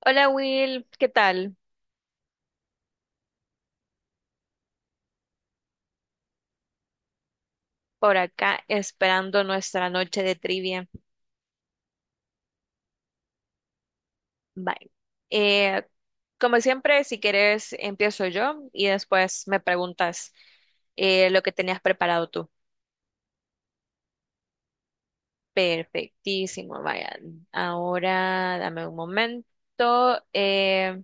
Hola Will, ¿qué tal? Por acá esperando nuestra noche de trivia. Bye. Eh, Como siempre, si quieres, empiezo yo y después me preguntas lo que tenías preparado tú. Perfectísimo, vaya. Ahora dame un momento.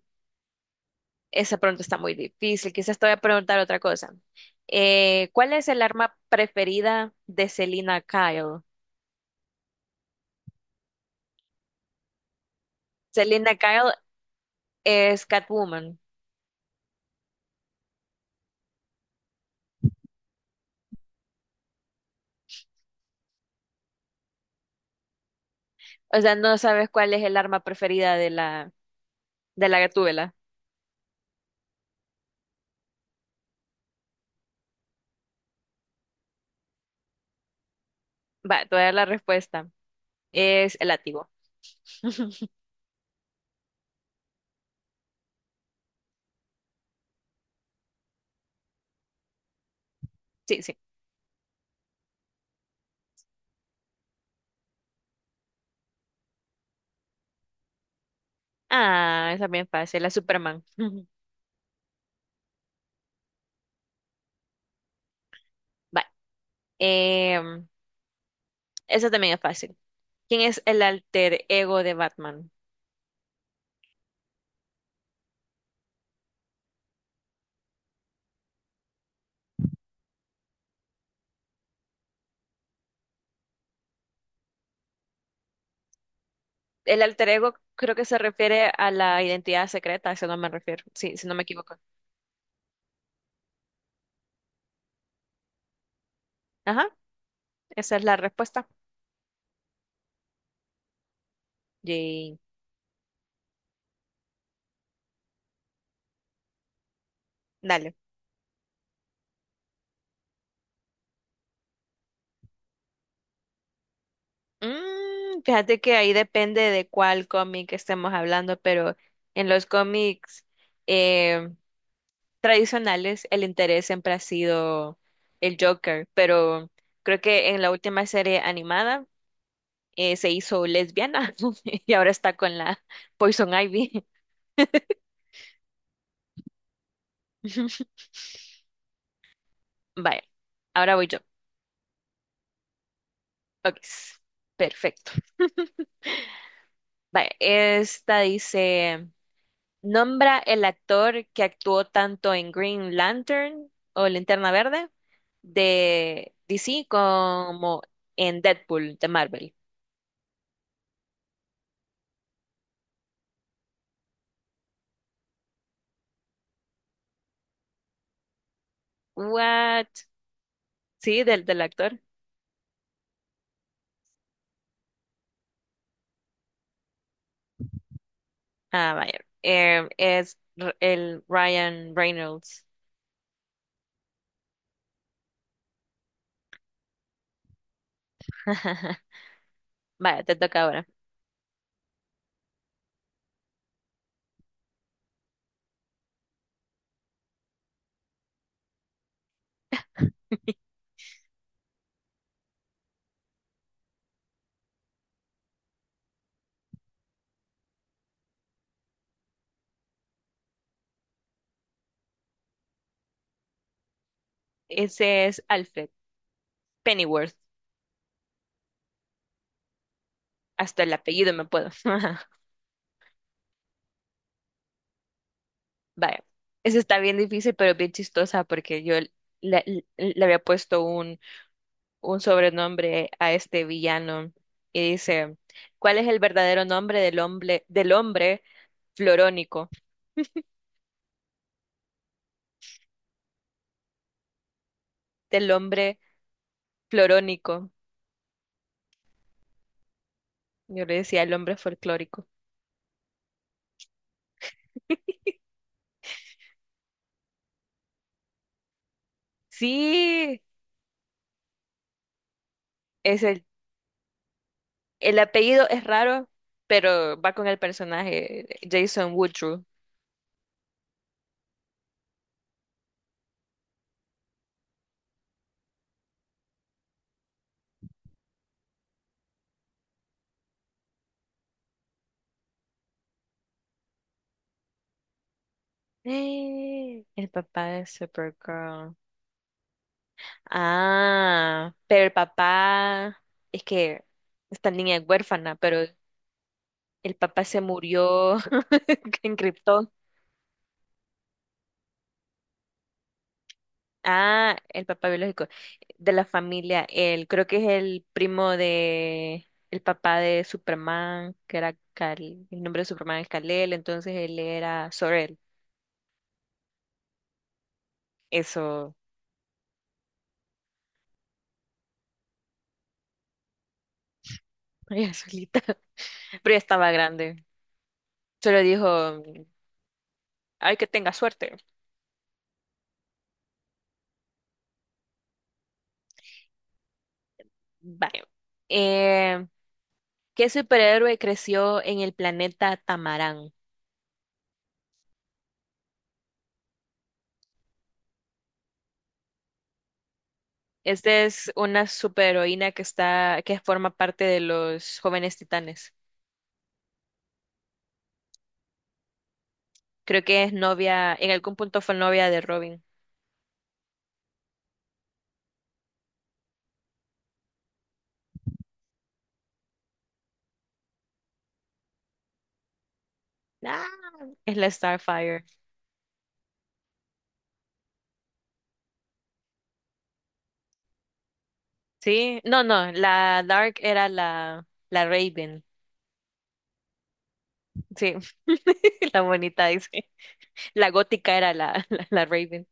Esa pregunta está muy difícil. Quizás te voy a preguntar otra cosa. ¿Cuál es el arma preferida de Selina Kyle? Selina Kyle es Catwoman. O sea, no sabes cuál es el arma preferida de de la gatúbela. Va, te voy a dar la respuesta. Es el látigo. Sí, sí. Ah, esa es bien fácil, la Superman. Va. em, Esa también es fácil. ¿Quién es el alter ego de Batman? El alter ego creo que se refiere a la identidad secreta, a eso no me refiero. Sí, si no me equivoco. Ajá, esa es la respuesta. Yay. Dale. Mm, fíjate que ahí depende de cuál cómic estemos hablando, pero en los cómics eh, tradicionales el interés siempre ha sido el Joker, pero creo que en la última serie animada se hizo lesbiana y ahora está con la Poison Ivy. Vaya, ahora voy yo. Ok, perfecto. Vaya, esta dice... Nombra el actor que actuó tanto en Green Lantern o Linterna Verde de DC como en Deadpool de Marvel. What? Sí, del actor. Ah, vaya. Es el Ryan Reynolds. Vaya, te toca ahora. Ese es Alfred Pennyworth. Hasta el apellido me puedo. Vaya. Ese está bien difícil, pero bien chistosa porque yo le había puesto un sobrenombre a este villano y dice, ¿cuál es el verdadero nombre del hombre florónico? Del hombre florónico. Yo le decía el hombre folclórico. Sí, es el apellido es raro, pero va con el personaje Jason Woodruff. ¡Eh! El papá de Supergirl. Ah, pero el papá es que esta niña es huérfana, pero el papá se murió en Krypton. Ah, el papá biológico de la familia, él creo que es el primo de el papá de Superman, que era Kal- el nombre de Superman es Kal-El, entonces él era Sorel. Eso, ella solita. Pero ya estaba grande. Solo dijo, ay, que tenga suerte. Vaya. Eh, ¿Qué superhéroe creció en el planeta Tamarán? Esta es una superheroína que forma parte de los Jóvenes Titanes. Creo que es novia, en algún punto fue novia de Robin. Ah, es la Starfire. Sí, no, no, la Dark era la Raven. Sí, la bonita dice. La gótica era la Raven.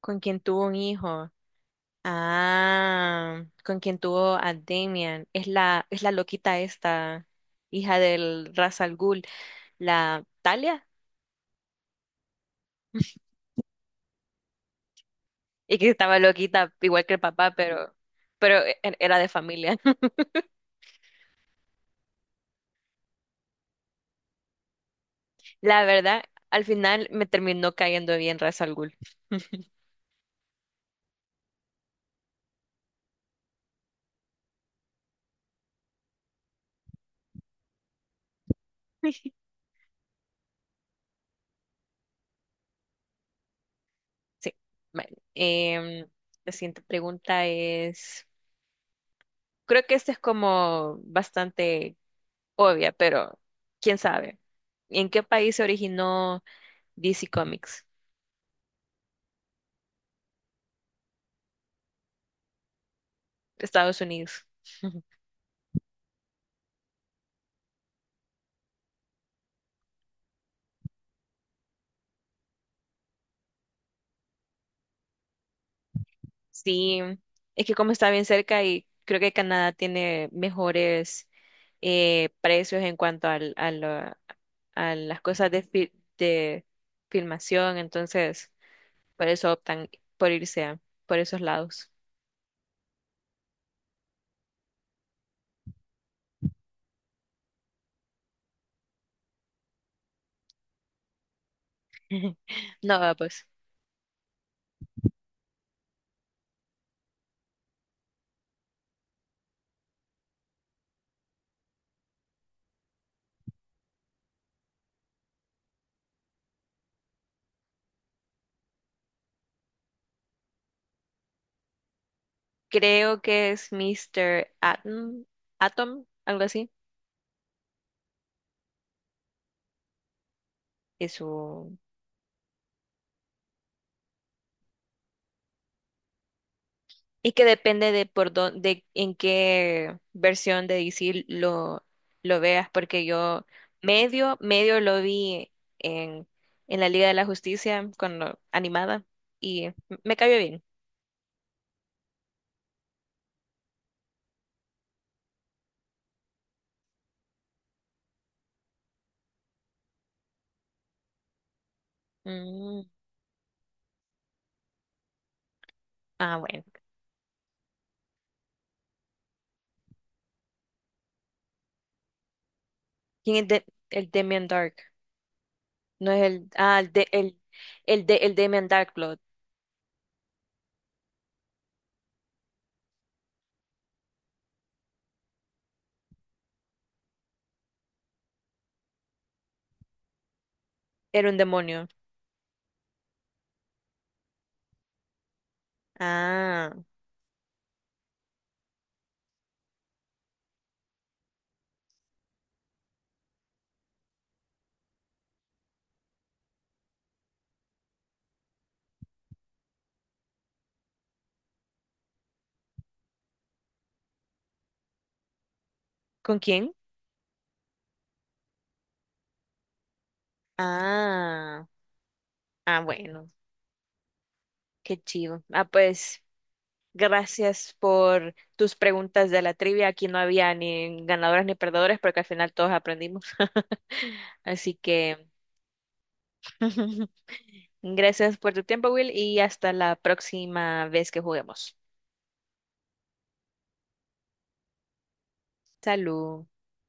Con quien tuvo un hijo. Ah, con quien tuvo a Damian. Es es la loquita esta, hija del Ra's al Ghul, la Talia. Y que estaba loquita, igual que el papá, pero, era de familia. La verdad, al final me terminó cayendo bien Ra's al Ghul. Sí. Bueno, la siguiente pregunta es, creo que esta es como bastante obvia, pero quién sabe. ¿En qué país se originó DC Comics? Estados Unidos. Sí, es que como está bien cerca y creo que Canadá tiene mejores precios en cuanto a las cosas de filmación, entonces por eso optan por irse a- por esos lados. No, va, pues. Creo que es Mr. Atom, Atom, algo así. Es su... Y que depende de por dónde, en qué versión de DC lo veas, porque yo medio lo vi en, en la Liga de la Justicia cuando animada y me cayó bien. Mm, ah, bueno. ¿Quién es de- el Demian Dark? No es el. Ah, el de, el Damon Darkblood. Era un demonio. Ah. ¿Con quién? Ah. Ah, bueno. Qué chido. Ah, pues. Gracias por tus preguntas de la trivia. Aquí no había ni ganadores ni perdedores porque al final todos aprendimos. Así que gracias por tu tiempo, Will, y hasta la próxima vez que juguemos. Salud.